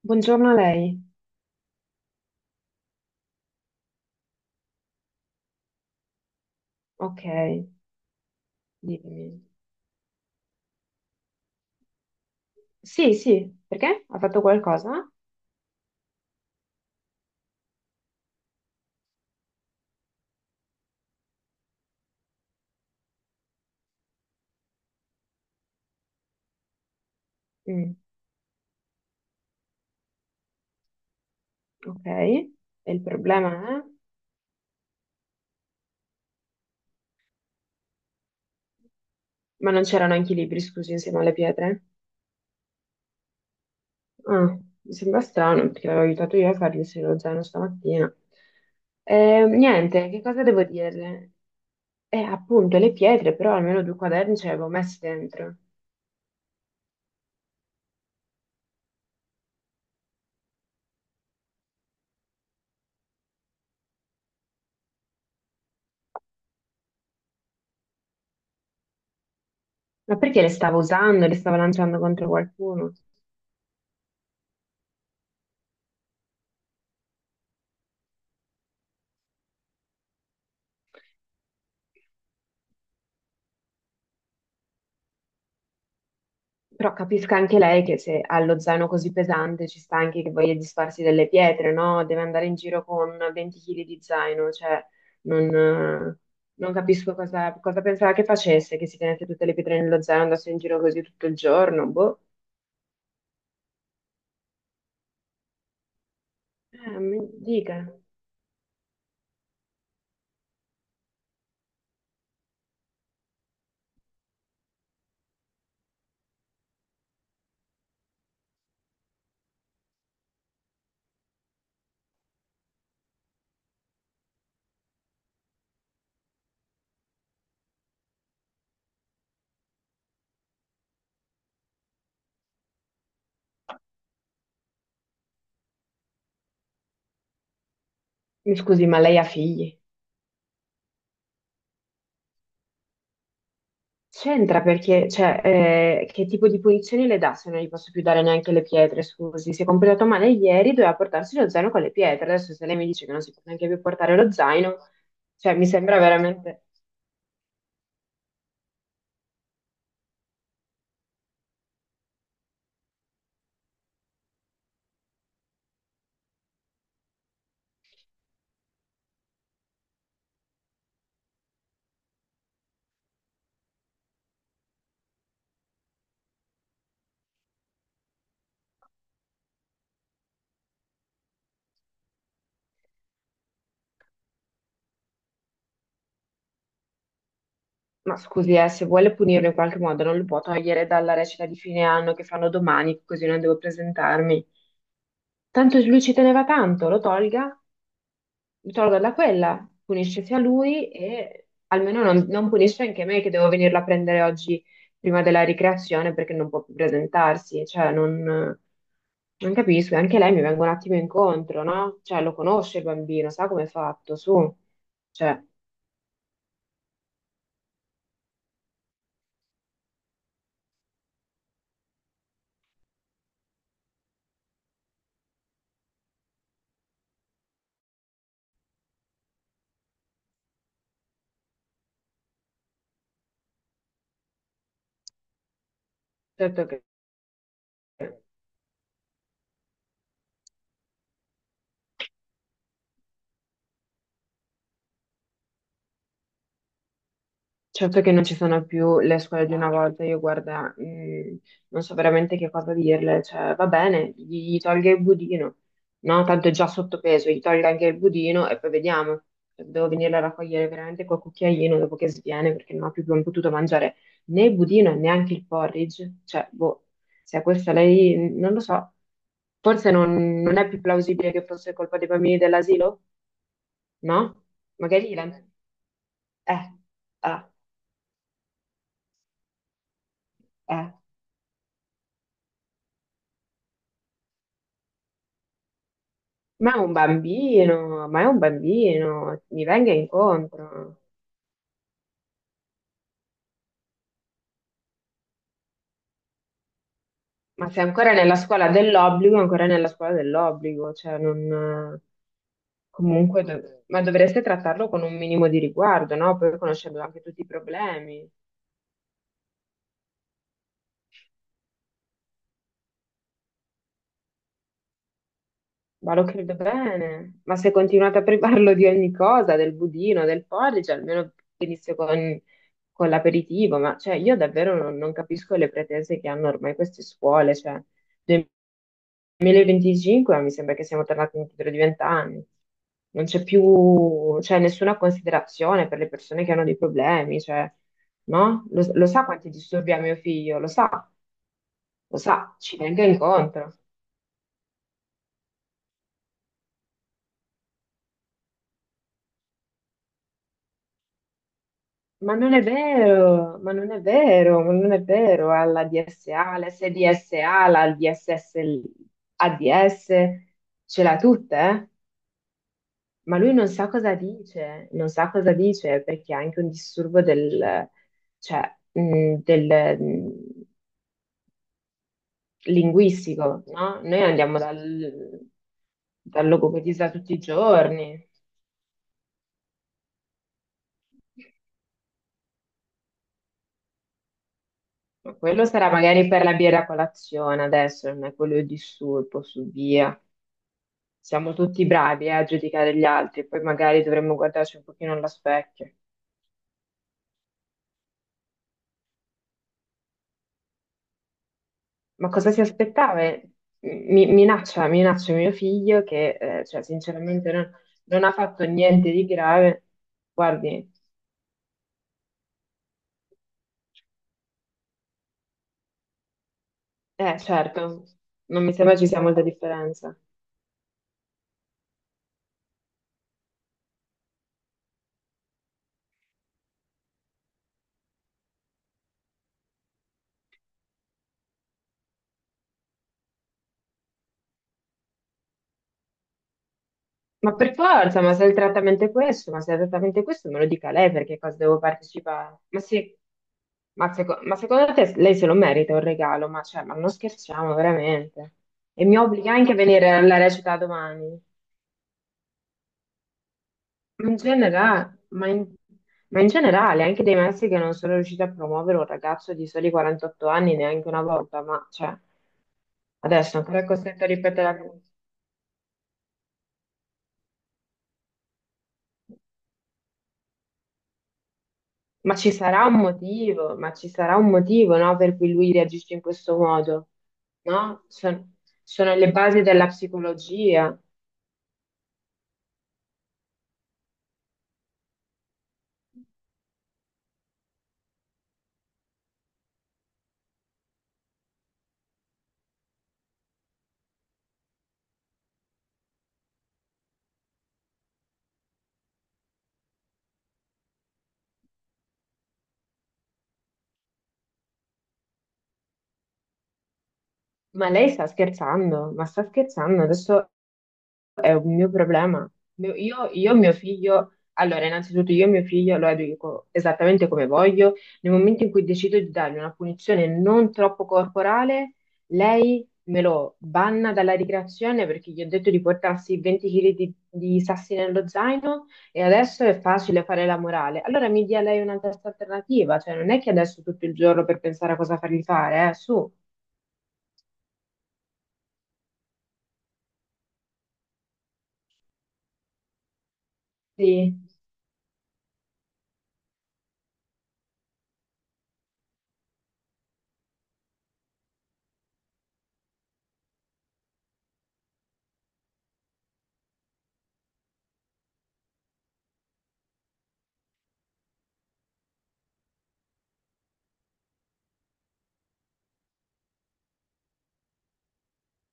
Buongiorno a lei. Ok, dimmi. Sì, sì, perché? Ha fatto qualcosa? Mm, ok. E il problema è? Ma non c'erano anche i libri, scusi, insieme alle pietre? Ah, mi sembra strano, perché l'avevo aiutato io a fargli il lo zaino stamattina. Niente, che cosa devo dirle? Appunto, le pietre, però almeno due quaderni ce le avevo messe dentro. Ma perché le stavo usando, le stavo lanciando contro qualcuno? Però capisca anche lei che se ha lo zaino così pesante ci sta anche che voglia disfarsi delle pietre, no? Deve andare in giro con 20 kg di zaino, cioè non, eh, non capisco cosa pensava che facesse, che si tenesse tutte le pietre nello zaino e andasse in giro così tutto il giorno, boh. Mi dica. Mi scusi, ma lei ha figli? C'entra perché, cioè, che tipo di punizioni le dà se non gli posso più dare neanche le pietre, scusi. Si è comportato male ieri, doveva portarsi lo zaino con le pietre. Adesso se lei mi dice che non si può neanche più portare lo zaino, cioè, mi sembra veramente. Ma scusi, se vuole punirlo in qualche modo, non lo può togliere dalla recita di fine anno che fanno domani, così non devo presentarmi. Tanto lui ci teneva tanto, lo tolga tolgo da quella, punisce sia lui e almeno non, non punisce anche me che devo venirla a prendere oggi prima della ricreazione perché non può più presentarsi, cioè non capisco, e anche lei mi venga un attimo incontro, no? Cioè lo conosce il bambino, sa come è fatto, su, cioè, certo. Certo che non ci sono più le scuole di una volta, io guarda, non so veramente che cosa dirle, cioè va bene, gli tolga il budino, no? Tanto è già sottopeso, gli tolga anche il budino e poi vediamo. Cioè, devo venirla a raccogliere veramente col cucchiaino dopo che sviene perché non ho più potuto mangiare né il budino e neanche il porridge, cioè boh, se a questa lei, non lo so, forse non è più plausibile che fosse colpa dei bambini dell'asilo, no? Magari la. Eh, eh, eh. Ma è un bambino, ma è un bambino, mi venga incontro. Ma se è ancora nella scuola dell'obbligo, è ancora nella scuola dell'obbligo, cioè non. Comunque, ma dovreste trattarlo con un minimo di riguardo, no? Poi conoscendo anche tutti i problemi. Ma lo credo bene. Ma se continuate a privarlo di ogni cosa, del budino, del porridge, almeno venisse con, l'aperitivo. Ma cioè, io davvero non capisco le pretese che hanno ormai queste scuole, cioè. 2025 mi sembra che siamo tornati indietro di 20 anni. Non c'è più, cioè, nessuna considerazione per le persone che hanno dei problemi, cioè, no? Lo sa quanti disturbi ha mio figlio, lo sa, ci venga incontro. Ma non è vero, ma non è vero, ma non è vero, ha la DSA, l'SDSA, la DSS, l'ADS, ce l'ha tutte, eh? Ma lui non sa cosa dice, non sa cosa dice perché ha anche un disturbo del, linguistico, no? Noi andiamo dal logopedista tutti i giorni, ma quello sarà magari per la birra a colazione adesso, non è quello il disturbo su via. Siamo tutti bravi, a giudicare gli altri, poi magari dovremmo guardarci un pochino allo specchio. Ma cosa si aspettava? Minaccia, minaccia mio figlio che, cioè, sinceramente non ha fatto niente di grave. Guardi, certo, non mi sembra ci sia molta differenza. Ma per forza, ma se il trattamento è questo, ma se il trattamento è questo, me lo dica lei perché cosa devo partecipare. Ma sì, ma, ma secondo te lei se lo merita un regalo? Ma, cioè, ma non scherziamo veramente. E mi obbliga anche a venire alla recita domani. Ma in genera- ma in- ma in generale, anche dei Messi che non sono riusciti a promuovere un ragazzo di soli 48 anni neanche una volta, ma cioè, adesso ancora è costretto a ripetere la. Ma ci sarà un motivo, ma ci sarà un motivo, no, per cui lui reagisce in questo modo, no? Sono le basi della psicologia. Ma lei sta scherzando, ma sta scherzando. Adesso è un mio problema. Io, mio figlio, allora, innanzitutto io mio figlio lo educo esattamente come voglio. Nel momento in cui decido di dargli una punizione non troppo corporale, lei me lo banna dalla ricreazione perché gli ho detto di portarsi 20 kg di sassi nello zaino e adesso è facile fare la morale. Allora mi dia lei una testa alternativa, cioè non è che adesso tutto il giorno per pensare a cosa fargli fare, su. Sì.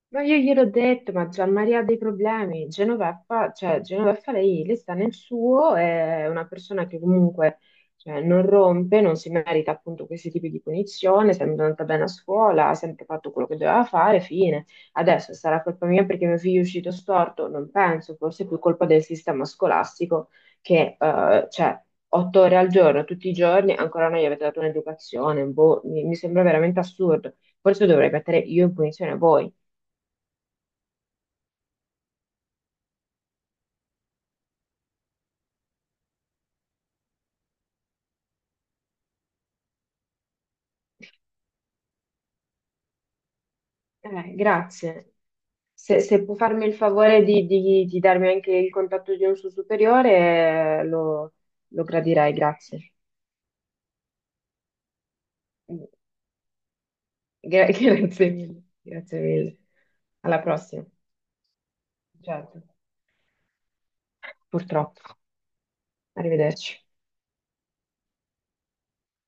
Ma io gliel'ho detto, ma Gianmaria ha dei problemi. Genoveffa, cioè, Genoveffa lei sta nel suo, è una persona che comunque cioè, non rompe, non si merita appunto questi tipi di punizione, è sempre andata bene a scuola, ha sempre fatto quello che doveva fare, fine. Adesso sarà colpa mia perché mio figlio è uscito storto? Non penso, forse è più colpa del sistema scolastico che, cioè, 8 ore al giorno, tutti i giorni, ancora non gli avete dato un'educazione, boh, mi sembra veramente assurdo. Forse dovrei mettere io in punizione voi. Grazie. Se può farmi il favore di darmi anche il contatto di un suo superiore, lo gradirei, grazie. Grazie mille, grazie mille. Alla prossima. Certo. Purtroppo. Arrivederci.